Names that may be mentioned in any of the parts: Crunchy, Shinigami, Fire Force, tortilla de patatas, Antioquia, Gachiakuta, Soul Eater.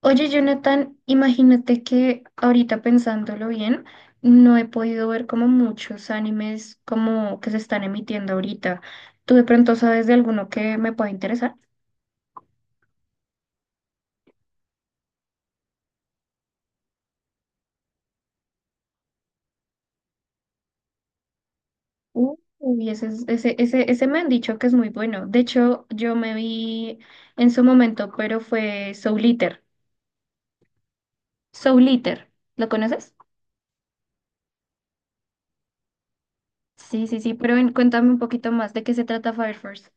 Oye, Jonathan, imagínate que ahorita pensándolo bien, no he podido ver como muchos animes como que se están emitiendo ahorita. ¿Tú de pronto sabes de alguno que me pueda interesar? Uy, ese, ese me han dicho que es muy bueno. De hecho, yo me vi en su momento, pero fue Soul Eater. Soul Eater, ¿lo conoces? Sí, sí, sí, pero cuéntame un poquito más de qué se trata Fire Force.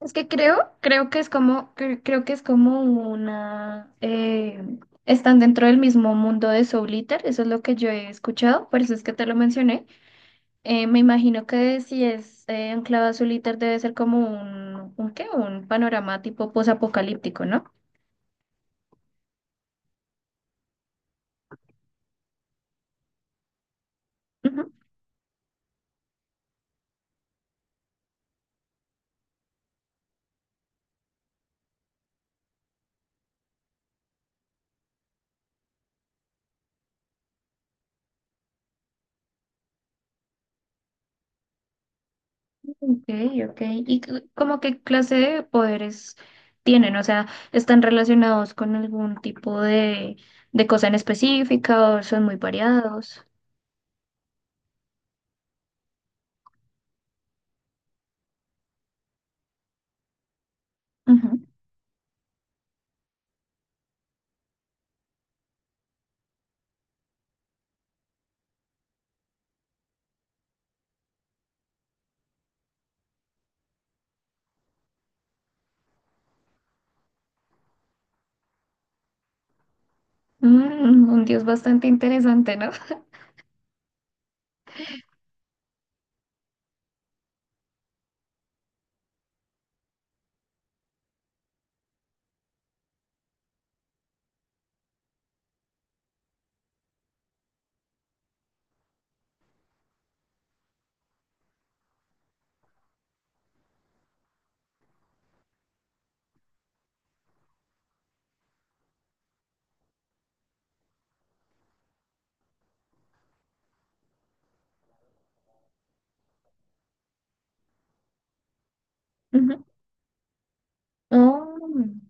Es que creo que es como, creo que es como una, están dentro del mismo mundo de Soul Eater, eso es lo que yo he escuchado, por eso es que te lo mencioné. Me imagino que si es anclado a Soul Eater debe ser como un qué, un panorama tipo posapocalíptico, ¿no? Ujú. Ok, ok. ¿Y como qué clase de poderes tienen? O sea, ¿están relacionados con algún tipo de cosa en específica o son muy variados? Mm, un dios bastante interesante, ¿no? Ujú. Oh,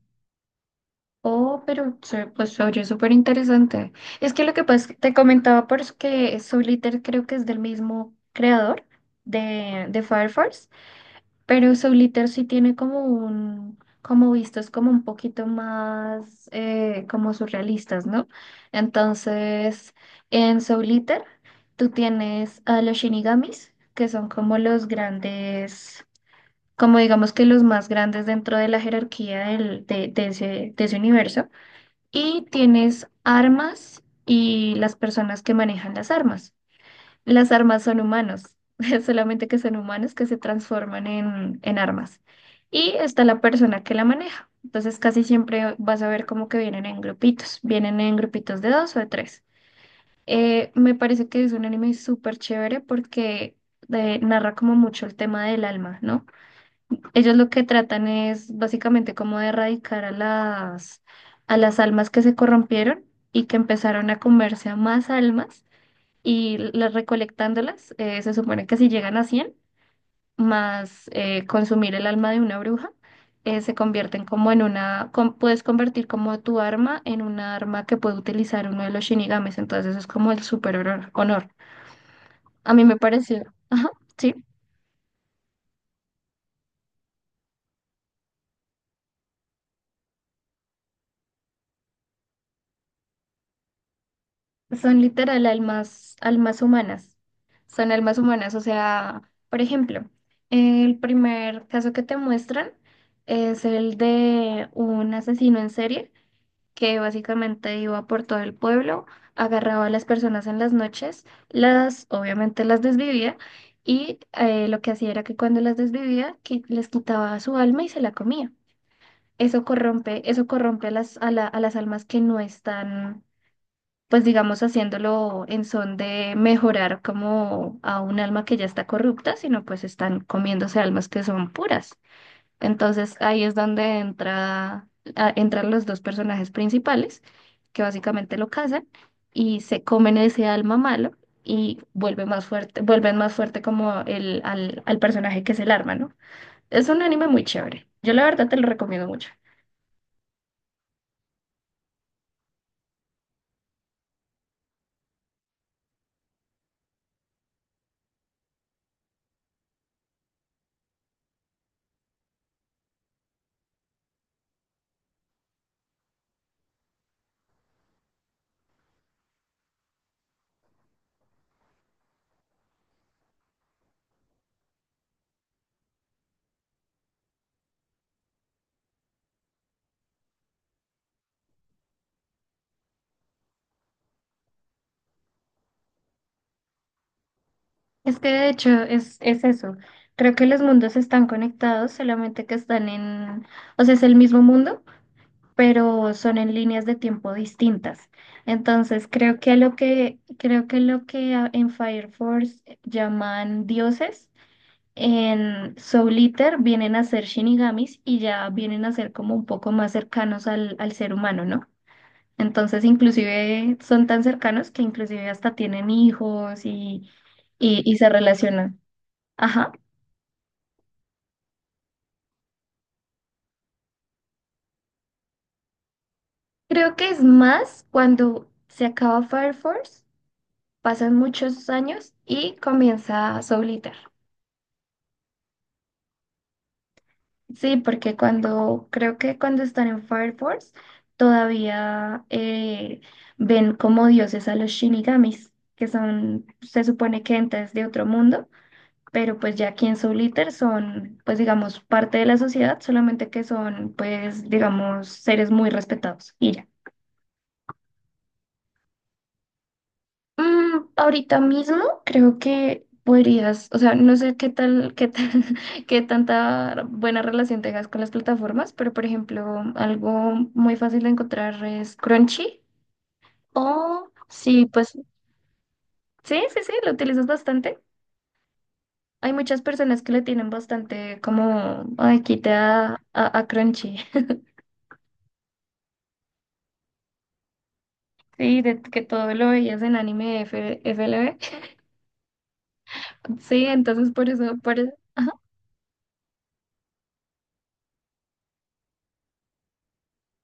oh, pero pues se oye súper interesante. Es que lo que pasa es que te comentaba por eso que Souliter creo que es del mismo creador de Fire Force, pero Souliter sí tiene como un, como vistos como un poquito más como surrealistas, ¿no? Entonces, en Souliter tú tienes a los Shinigamis, que son como los grandes como digamos que los más grandes dentro de la jerarquía de de ese universo, y tienes armas y las personas que manejan las armas. Las armas son humanos, solamente que son humanos que se transforman en armas. Y está la persona que la maneja. Entonces casi siempre vas a ver como que vienen en grupitos de dos o de tres. Me parece que es un anime súper chévere porque narra como mucho el tema del alma, ¿no? Ellos lo que tratan es básicamente como de erradicar a las almas que se corrompieron y que empezaron a comerse a más almas y las recolectándolas, se supone que si llegan a 100 más consumir el alma de una bruja, se convierten como en una, puedes convertir como tu arma en una arma que puede utilizar uno de los shinigames entonces eso es como el super honor honor. A mí me pareció, ajá, sí. Son literal almas, almas humanas. Son almas humanas. O sea, por ejemplo, el primer caso que te muestran es el de un asesino en serie que básicamente iba por todo el pueblo, agarraba a las personas en las noches, las, obviamente las desvivía y lo que hacía era que cuando las desvivía, que les quitaba su alma y se la comía. Eso corrompe a las, a las almas que no están pues digamos haciéndolo en son de mejorar como a un alma que ya está corrupta, sino pues están comiéndose almas que son puras. Entonces ahí es donde entra, entran los dos personajes principales, que básicamente lo cazan y se comen ese alma malo y vuelven más fuerte como el, al, al personaje que es el arma, ¿no? Es un anime muy chévere. Yo la verdad te lo recomiendo mucho. Es que de hecho es eso. Creo que los mundos están conectados, solamente que están en, o sea, es el mismo mundo, pero son en líneas de tiempo distintas. Entonces, creo que lo que en Fire Force llaman dioses, en Soul Eater vienen a ser shinigamis y ya vienen a ser como un poco más cercanos al, al ser humano, ¿no? Entonces, inclusive son tan cercanos que inclusive hasta tienen hijos y, y se relacionan. Ajá. Creo que es más cuando se acaba Fire Force, pasan muchos años y comienza Soul Eater. Sí, porque cuando, creo que cuando están en Fire Force, todavía ven como dioses a los Shinigamis, que son, se supone que entes de otro mundo, pero pues ya aquí en Soul Eater son, pues digamos, parte de la sociedad, solamente que son, pues digamos, seres muy respetados y ya. Mm, ahorita mismo creo que podrías, o sea, no sé qué tal, qué tanta buena relación tengas con las plataformas, pero por ejemplo, algo muy fácil de encontrar es Crunchy o sí, pues sí, sí, sí, lo utilizas bastante. Hay muchas personas que le tienen bastante como, ay, quité a, a Crunchy. Sí, de que todo lo veías en anime FLV. Sí, entonces por eso, por eso.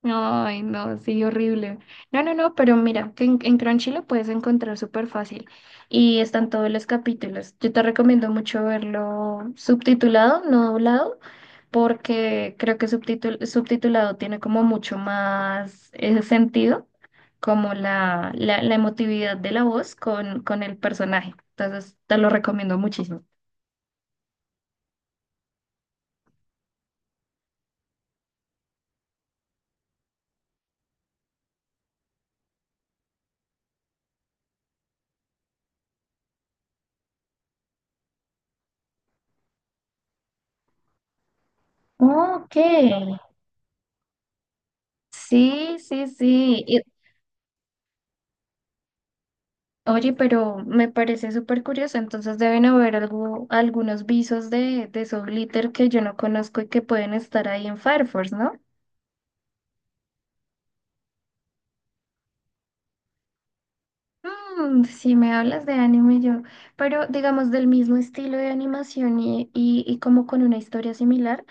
Ay, no, sí, horrible. No, no, no, pero mira, que en Crunchy lo puedes encontrar súper fácil y están todos los capítulos. Yo te recomiendo mucho verlo subtitulado, no doblado, porque creo que subtitulado tiene como mucho más ese sentido, como la emotividad de la voz con el personaje. Entonces, te lo recomiendo muchísimo. Ok. Sí, sí, sí. Oye, pero me parece súper curioso, entonces deben haber algo, algunos visos de Soul Glitter que yo no conozco y que pueden estar ahí en Fire Force, ¿no? Mm, si me hablas de anime yo, pero digamos del mismo estilo de animación y, y como con una historia similar,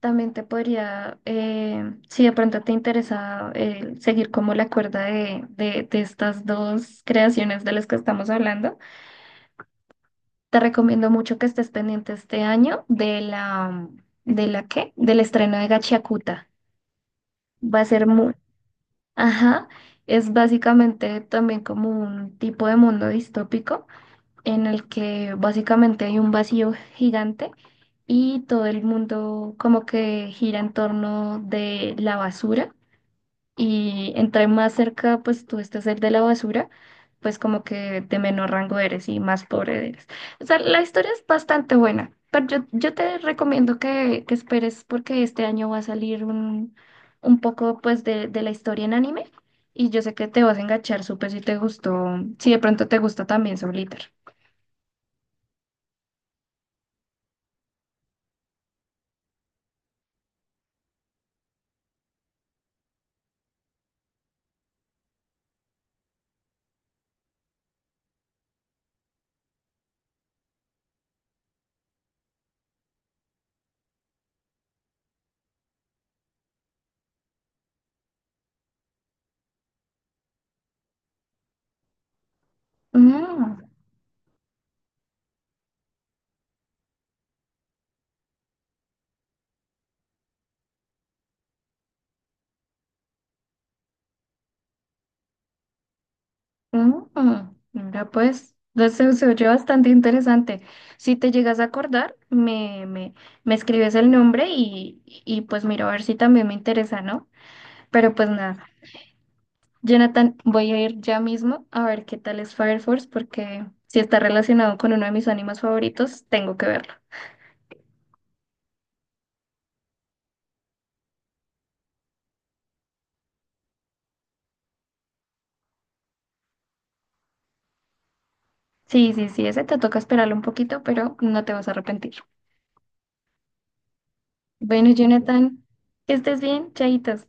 también te podría, si de pronto te interesa seguir como la cuerda de estas dos creaciones de las que estamos hablando. Te recomiendo mucho que estés pendiente este año ¿de la qué? Del estreno de Gachiakuta. Va a ser muy, ajá, es básicamente también como un tipo de mundo distópico en el que básicamente hay un vacío gigante y todo el mundo como que gira en torno de la basura y entre más cerca pues tú estés el de la basura, pues como que de menor rango eres y más pobre eres. O sea, la historia es bastante buena, pero yo te recomiendo que esperes porque este año va a salir un poco pues de la historia en anime y yo sé que te vas a enganchar súper si te gustó, si de pronto te gusta también Soul Eater. Mm. Mm, mira, pues, no sé, se oye bastante interesante. Si te llegas a acordar, me escribes el nombre y pues miro a ver si también me interesa, ¿no? Pero pues nada, Jonathan, voy a ir ya mismo a ver qué tal es Fire Force, porque si está relacionado con uno de mis animes favoritos, tengo que verlo. Sí, sí, sí, ese te toca esperarlo un poquito, pero no te vas a arrepentir. Bueno, Jonathan, que estés bien, chaitos.